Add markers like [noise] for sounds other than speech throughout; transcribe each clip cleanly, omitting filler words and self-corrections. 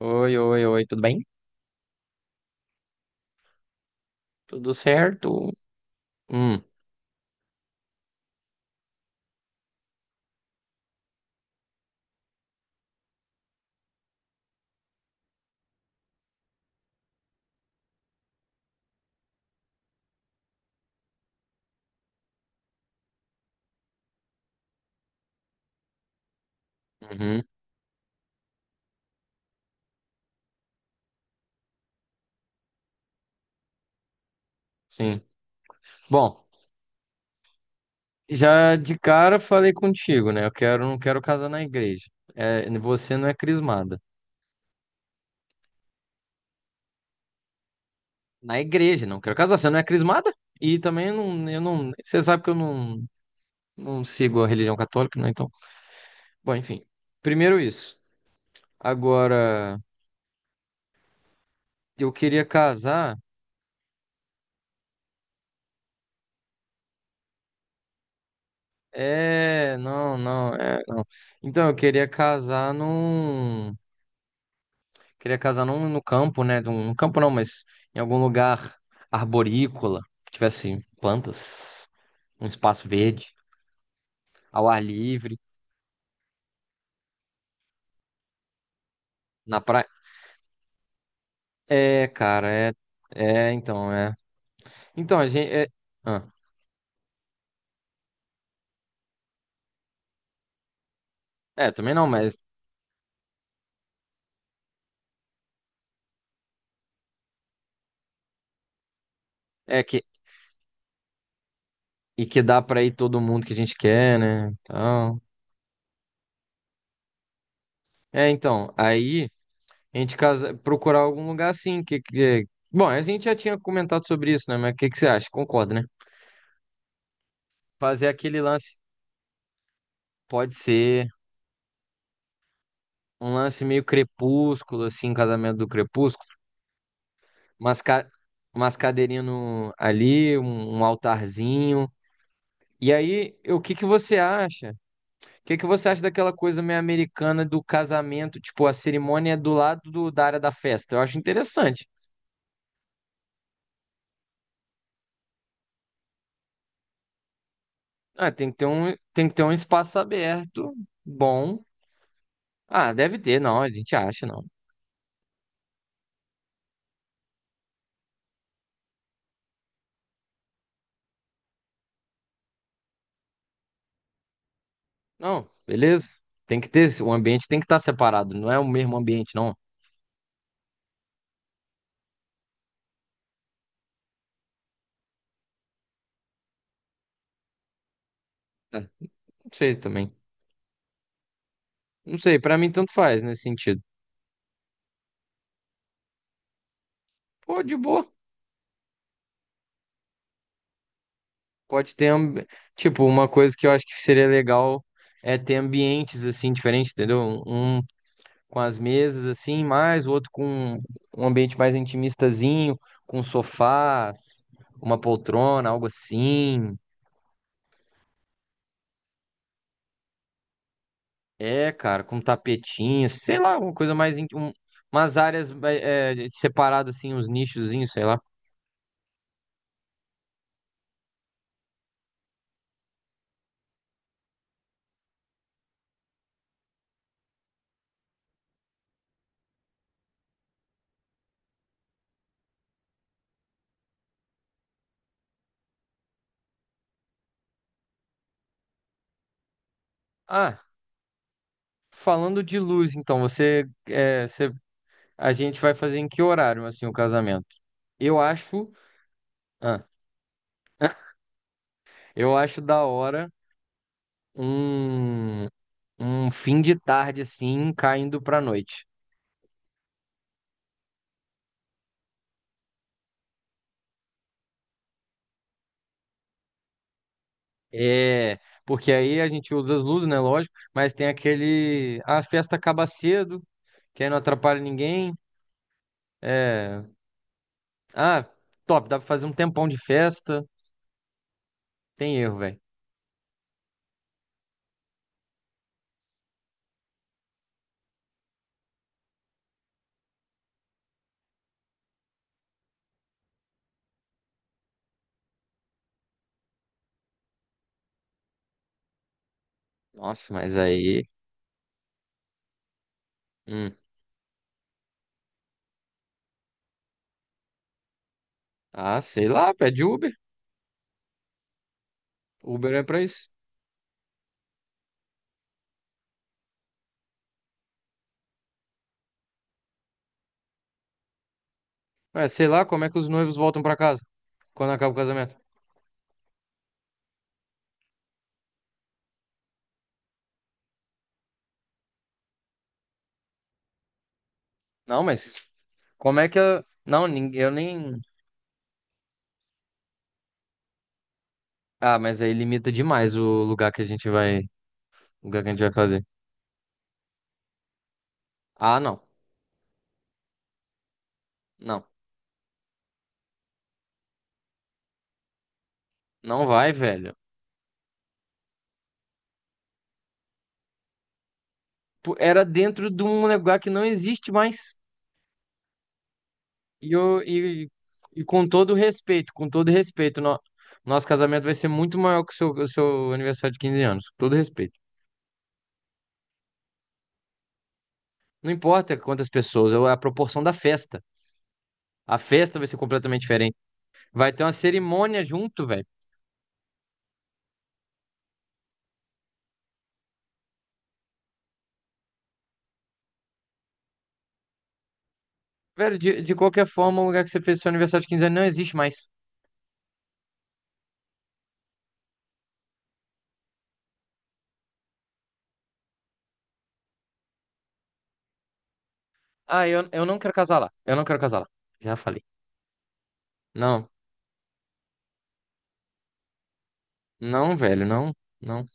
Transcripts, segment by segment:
Oi, oi, oi, tudo bem? Tudo certo? Hum, uhum, sim. Bom, já de cara falei contigo, né? Não quero casar na igreja. É, você não é crismada. Na igreja, não quero casar. Você não é crismada? E também não, eu não. Você sabe que eu não, não sigo a religião católica, né? Então, bom, enfim. Primeiro isso. Agora, eu queria casar. É, não, não, é, não. Então, eu queria casar num. Queria casar no campo, né? No campo não, mas em algum lugar arborícola, que tivesse plantas, um espaço verde, ao ar livre, na praia. É, cara, é. É. Então, a gente. É, ah, é, também não, mas. É que. E que dá pra ir todo mundo que a gente quer, né? Então. É, então. Aí, a gente casa, procurar algum lugar assim. Bom, a gente já tinha comentado sobre isso, né? Mas o que, que você acha? Concorda, né? Fazer aquele lance. Pode ser. Um lance meio crepúsculo, assim, casamento do crepúsculo. Umas, ca... umas cadeirinhas no... ali, um altarzinho. E aí, o que que você acha? O que que você acha daquela coisa meio americana do casamento? Tipo, a cerimônia é do lado da área da festa. Eu acho interessante. Ah, tem que ter um espaço aberto, bom. Ah, deve ter, não, a gente acha, não. Não, beleza. Tem que ter, o ambiente tem que estar separado, não é o mesmo ambiente, não. É, não sei também. Não sei, pra mim tanto faz nesse sentido. Pô, de boa. Pode ter, ambi- tipo, uma coisa que eu acho que seria legal é ter ambientes assim diferentes, entendeu? Um com as mesas assim, mais o outro com um ambiente mais intimistazinho, com sofás, uma poltrona, algo assim. É, cara, com tapetinho, sei lá, uma coisa mais umas áreas é, separadas assim, uns nichozinhos, sei lá. Ah, falando de luz, então, você é você a gente vai fazer em que horário, assim, o casamento? Eu acho. ah, [laughs] eu acho da hora um, um fim de tarde, assim, caindo pra noite. É, porque aí a gente usa as luzes, né? Lógico, mas tem aquele. Ah, a festa acaba cedo, que aí não atrapalha ninguém. É. Ah, top, dá pra fazer um tempão de festa. Tem erro, velho. Nossa, mas aí. Hum. Ah, sei lá, pede Uber. Uber é pra isso. É, sei lá, como é que os noivos voltam pra casa quando acaba o casamento? Não, mas como é que eu... Não, nin- eu nem... Ah, mas aí limita demais o lugar que a gente vai, o lugar que a gente vai fazer. Ah, não. Não. Não vai, velho. Pô, era dentro de um lugar que não existe mais. E, eu, e, e com todo respeito, nosso casamento vai ser muito maior que o seu aniversário de 15 anos. Com todo respeito. Não importa quantas pessoas, é a proporção da festa. A festa vai ser completamente diferente. Vai ter uma cerimônia junto, velho. Velho, de qualquer forma, o lugar que você fez seu aniversário de quinze anos não existe mais. Ah, eu não quero casar lá. Eu não quero casar lá. Já falei. Não, não, velho, não, não.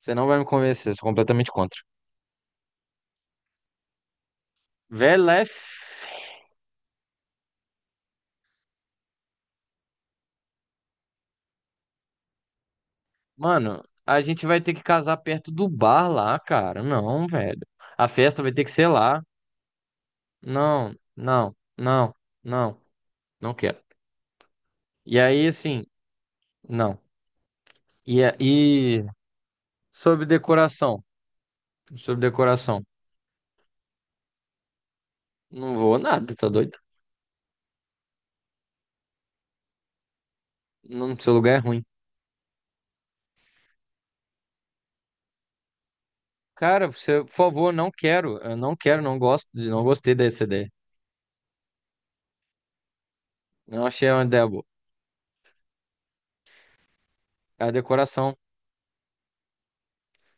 Você não vai me convencer, eu sou completamente contra. Velho, lá é. F- Mano, a gente vai ter que casar perto do bar lá, cara. Não, velho. A festa vai ter que ser lá. Não, não, não, não, não quero. E aí, assim, não. E, a- e sobre decoração. Sobre decoração. Não vou nada, tá doido? Não, seu lugar é ruim. Cara, você, por favor, não quero. Eu não quero, não gosto, não gostei dessa ideia. Não achei uma ideia boa. A decoração. O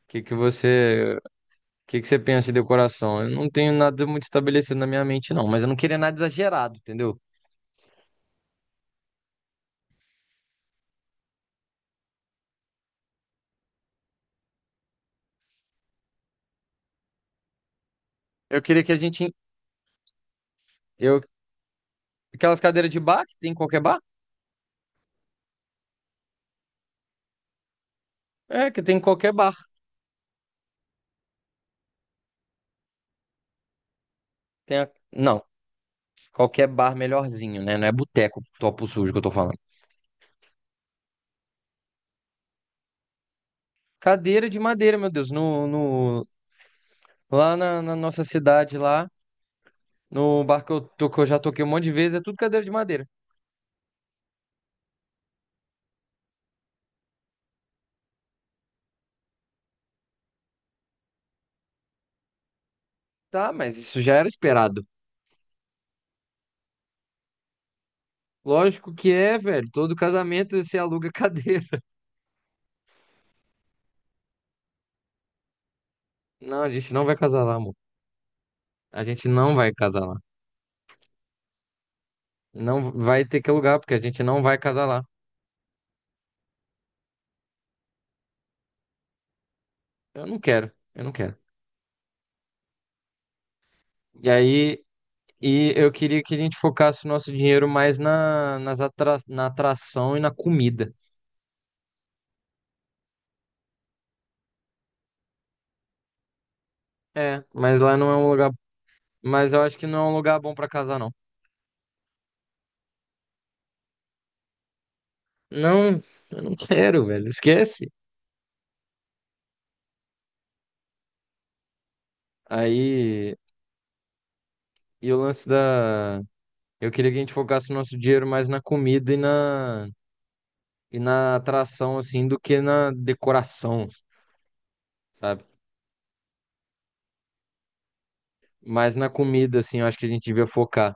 que que você, O que que você pensa em decoração? Eu não tenho nada muito estabelecido na minha mente, não. Mas eu não queria nada exagerado, entendeu? Eu queria que a gente, eu, aquelas cadeiras de bar que tem em qualquer bar? É, que tem em qualquer bar. Tem a- não, qualquer bar melhorzinho, né? Não é boteco, topo sujo que eu tô falando. Cadeira de madeira, meu Deus, no, no, lá na nossa cidade lá. No bar que que eu já toquei um monte de vezes, é tudo cadeira de madeira. Tá, mas isso já era esperado. Lógico que é, velho. Todo casamento você aluga cadeira. [laughs] Não, a gente não vai casar lá, amor. A gente não vai casar lá. Não vai ter que alugar, porque a gente não vai casar lá. Eu não quero, eu não quero. E aí, e eu queria que a gente focasse o nosso dinheiro mais na atração e na comida. É, mas lá não é um lugar. Mas eu acho que não é um lugar bom pra casar, não. Não, eu não quero, velho. Esquece. Aí. E o lance da. Eu queria que a gente focasse o nosso dinheiro mais na comida e na atração, assim, do que na decoração, sabe? Mas na comida, assim, eu acho que a gente devia focar.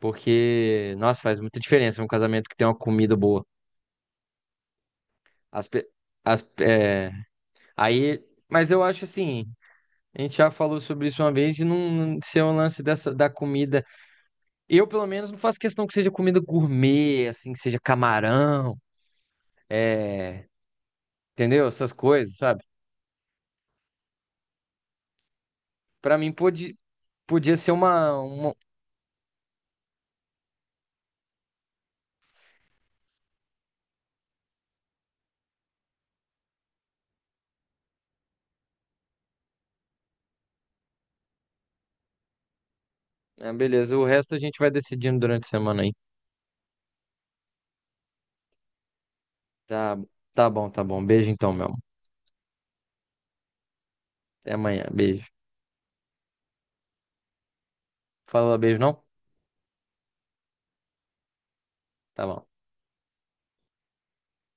Porque, nossa, faz muita diferença um casamento que tem uma comida boa. As, pe- as, é, aí, mas eu acho assim, a gente já falou sobre isso uma vez, de não ser um lance dessa, da comida. Eu, pelo menos, não faço questão que seja comida gourmet, assim, que seja camarão, é, entendeu? Essas coisas, sabe? Pra mim, pode, podia ser uma. Ah, beleza, o resto a gente vai decidindo durante a semana aí. Tá, tá bom, tá bom. Beijo então, meu amor. Até amanhã. Beijo. Fala beijo, não? Tá bom.